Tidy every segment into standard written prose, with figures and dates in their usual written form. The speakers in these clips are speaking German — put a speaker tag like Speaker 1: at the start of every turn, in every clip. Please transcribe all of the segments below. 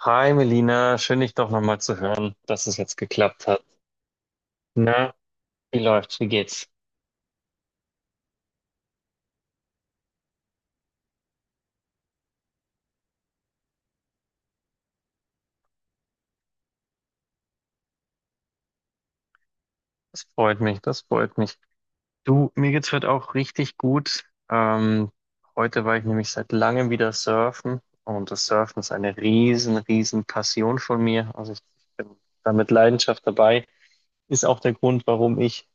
Speaker 1: Hi Melina, schön dich doch nochmal zu hören, dass es jetzt geklappt hat. Na, wie läuft's? Wie geht's? Das freut mich, das freut mich. Du, mir geht's heute auch richtig gut. Ähm, heute war ich nämlich seit langem wieder surfen, und das Surfen ist eine riesen, riesen Passion von mir. Also ich bin da mit Leidenschaft dabei. Ist auch der Grund, warum ich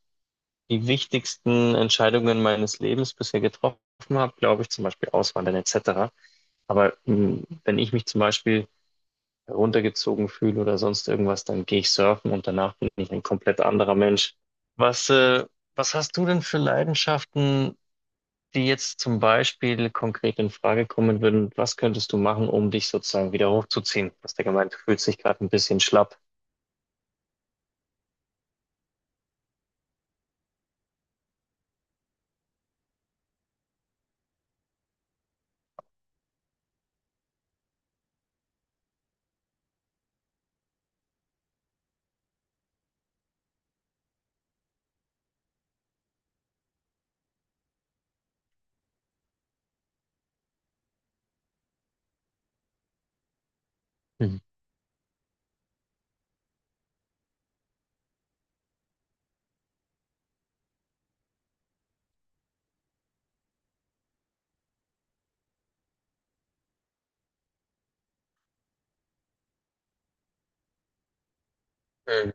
Speaker 1: die wichtigsten Entscheidungen meines Lebens bisher getroffen habe, glaube ich, zum Beispiel Auswandern etc. Aber mh, wenn ich mich zum Beispiel runtergezogen fühle oder sonst irgendwas, dann gehe ich surfen und danach bin ich ein komplett anderer Mensch. Was, äh, was hast du denn für Leidenschaften, die jetzt zum Beispiel konkret in Frage kommen würden? Was könntest du machen, um dich sozusagen wieder hochzuziehen? Du hast ja gemeint, du fühlst dich gerade ein bisschen schlapp. Mhm. Mhm.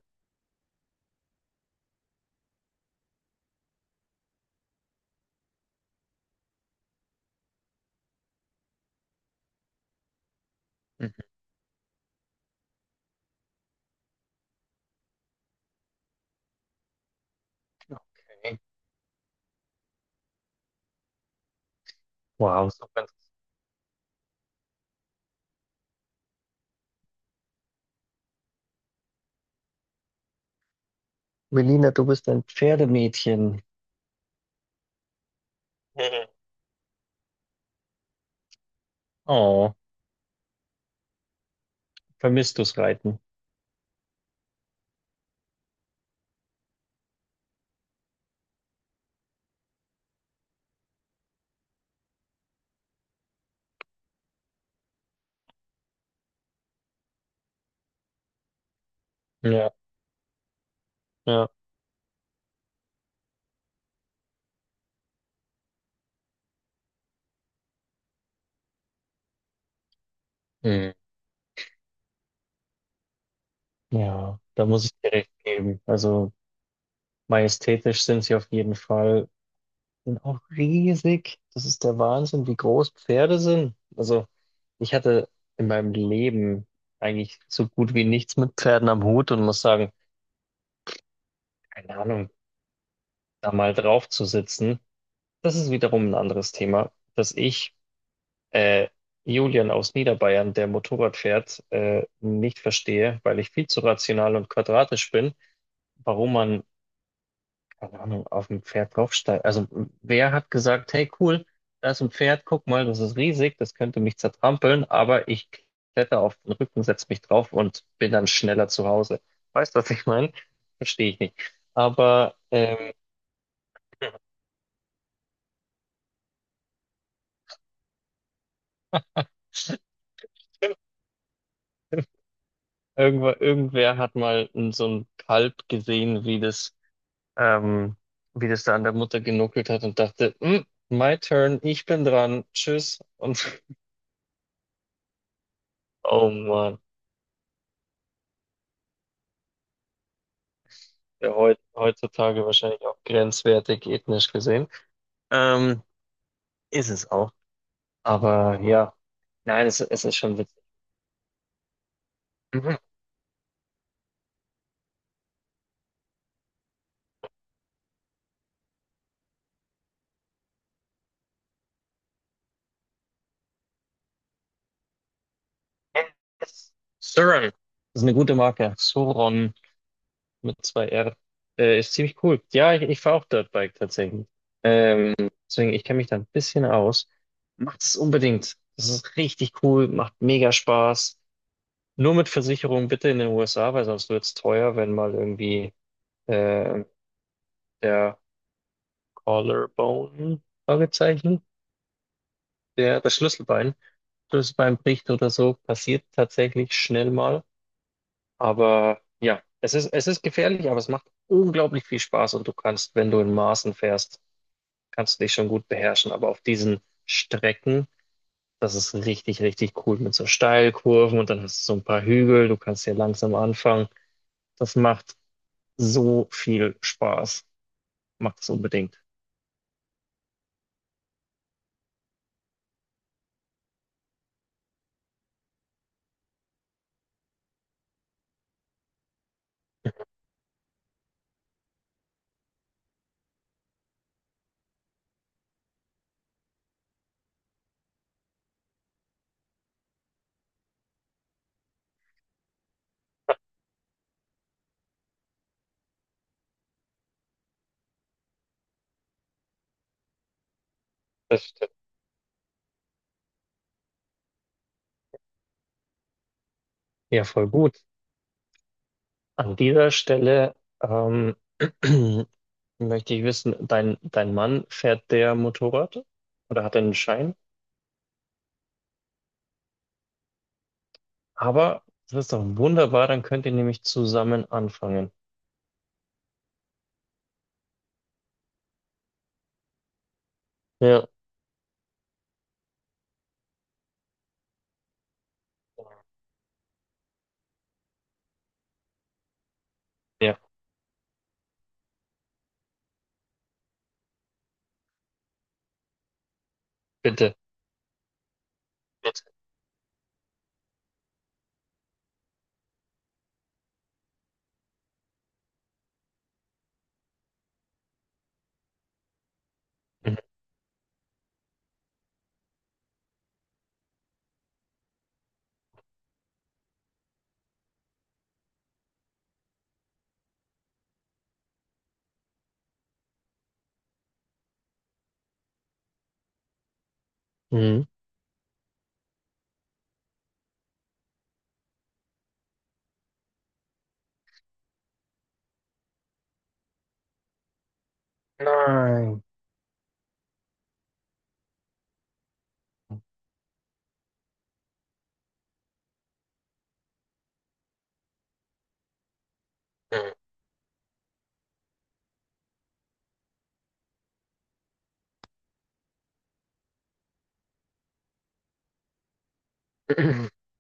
Speaker 1: Mhm. Okay. Wow, super. Melina, du bist ein Pferdemädchen. Mhm. Oh, vermisst du's Reiten? Ja, ja. Mhm. Ja, da muss ich dir recht geben. Also majestätisch sind sie auf jeden Fall und auch riesig. Das ist der Wahnsinn, wie groß Pferde sind. Also ich hatte in meinem Leben eigentlich so gut wie nichts mit Pferden am Hut und muss sagen, keine Ahnung, da mal drauf zu sitzen, das ist wiederum ein anderes Thema, dass ich äh, Julian aus Niederbayern, der Motorrad fährt, nicht verstehe, weil ich viel zu rational und quadratisch bin, warum man, keine Ahnung, auf ein Pferd draufsteigen. Also wer hat gesagt: hey cool, da ist ein Pferd, guck mal, das ist riesig, das könnte mich zertrampeln, aber ich kletter auf den Rücken, setze mich drauf und bin dann schneller zu Hause. Weißt du, was ich meine? Verstehe ich nicht. Aber irgendwer hat mal so ein Kalb gesehen, ähm, wie das da an der Mutter genuckelt hat und dachte: "Mm, my turn, ich bin dran, tschüss." Und oh Mann. Ja heutzutage wahrscheinlich auch grenzwertig ethnisch gesehen. Ähm, ist es auch. Aber ja, nein, es ist schon witzig. Mhm. Suron, das ist eine gute Marke. Suron mit zwei R. Ist ziemlich cool. Ja, ich fahre auch Dirtbike tatsächlich. Ähm, deswegen, ich kenne mich da ein bisschen aus. Macht es unbedingt. Das ist richtig cool, macht mega Spaß. Nur mit Versicherung bitte in den USA, weil sonst wird es teuer, wenn mal irgendwie äh, der Collarbone, Fragezeichen, das Schlüsselbein, Schlüsselbein bricht oder so, passiert tatsächlich schnell mal. Aber ja, es ist gefährlich, aber es macht unglaublich viel Spaß, und du kannst, wenn du in Maßen fährst, kannst du dich schon gut beherrschen. Aber auf diesen Strecken, das ist richtig, richtig cool mit so Steilkurven, und dann hast du so ein paar Hügel, du kannst hier langsam anfangen. Das macht so viel Spaß. Macht es unbedingt. Das stimmt. Ja, voll gut. An dieser Stelle ähm, möchte ich wissen, dein Mann, fährt der Motorrad oder hat er einen Schein? Aber das ist doch wunderbar, dann könnt ihr nämlich zusammen anfangen. Ja, ja, bitte. Bitte. Mhm. Mhm. Nein. Mhm.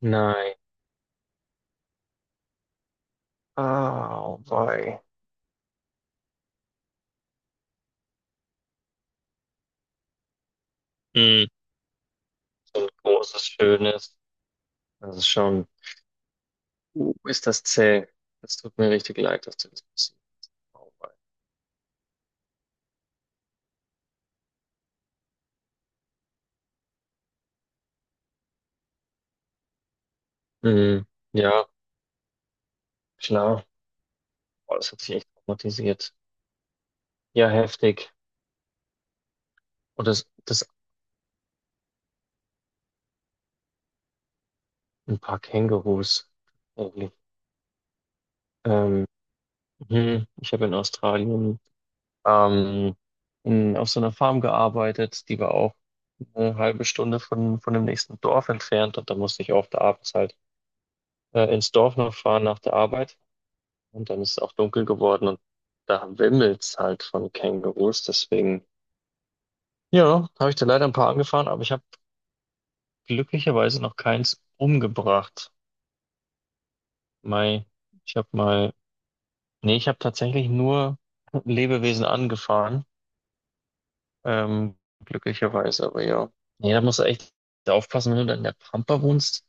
Speaker 1: Nein. Ah, wei. Mhm. So ein großes, schönes. Das ist schon. Ist das zäh. Das tut mir richtig leid, dass du das passiert. Oh, wei. Mhm. Ja, klar. Boah, das hat sich echt traumatisiert. Ja, heftig. Und das ein paar Kängurus. Irgendwie. Ähm, hm, ich habe in Australien, ähm, in, auf so einer Farm gearbeitet, die war auch eine halbe Stunde von dem nächsten Dorf entfernt, und da musste ich oft abends halt, ins Dorf noch fahren nach der Arbeit, und dann ist es auch dunkel geworden, und da wimmelt's halt von Kängurus, deswegen ja, habe ich da leider ein paar angefahren, aber ich habe glücklicherweise noch keins umgebracht. Mei, ich habe mal, nee, ich habe tatsächlich nur Lebewesen angefahren, ähm, glücklicherweise, aber ja. Nee, da musst du echt aufpassen, wenn du dann in der Pampa wohnst.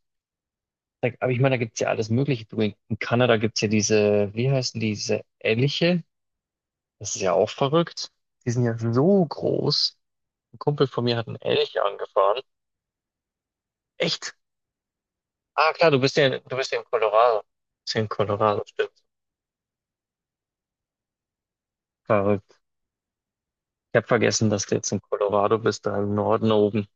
Speaker 1: Da, aber ich meine, da gibt's ja alles Mögliche. Du, in Kanada gibt's ja diese, wie heißen die, diese Elche? Das ist ja auch verrückt. Die sind ja so groß. Ein Kumpel von mir hat einen Elch angefahren. Echt? Ah, klar, du bist ja in Colorado. Du bist ja in Colorado, stimmt. Verrückt. Ich habe vergessen, dass du jetzt in Colorado bist, da im Norden oben. Ich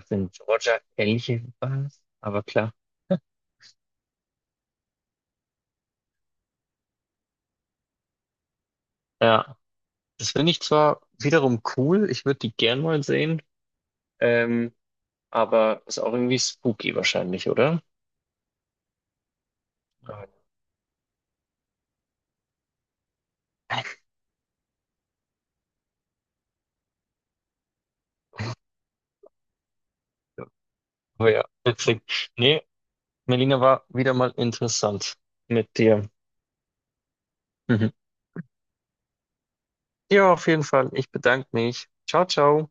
Speaker 1: dachte, in Georgia ähnliche was, aber klar. Ja, das finde ich zwar wiederum cool, ich würde die gern mal sehen, ähm, aber ist auch irgendwie spooky wahrscheinlich, oder? Aber- Oh ja, witzig. Nee, Melina, war wieder mal interessant mit dir. Mhm. Ja, auf jeden Fall. Ich bedanke mich. Ciao, ciao.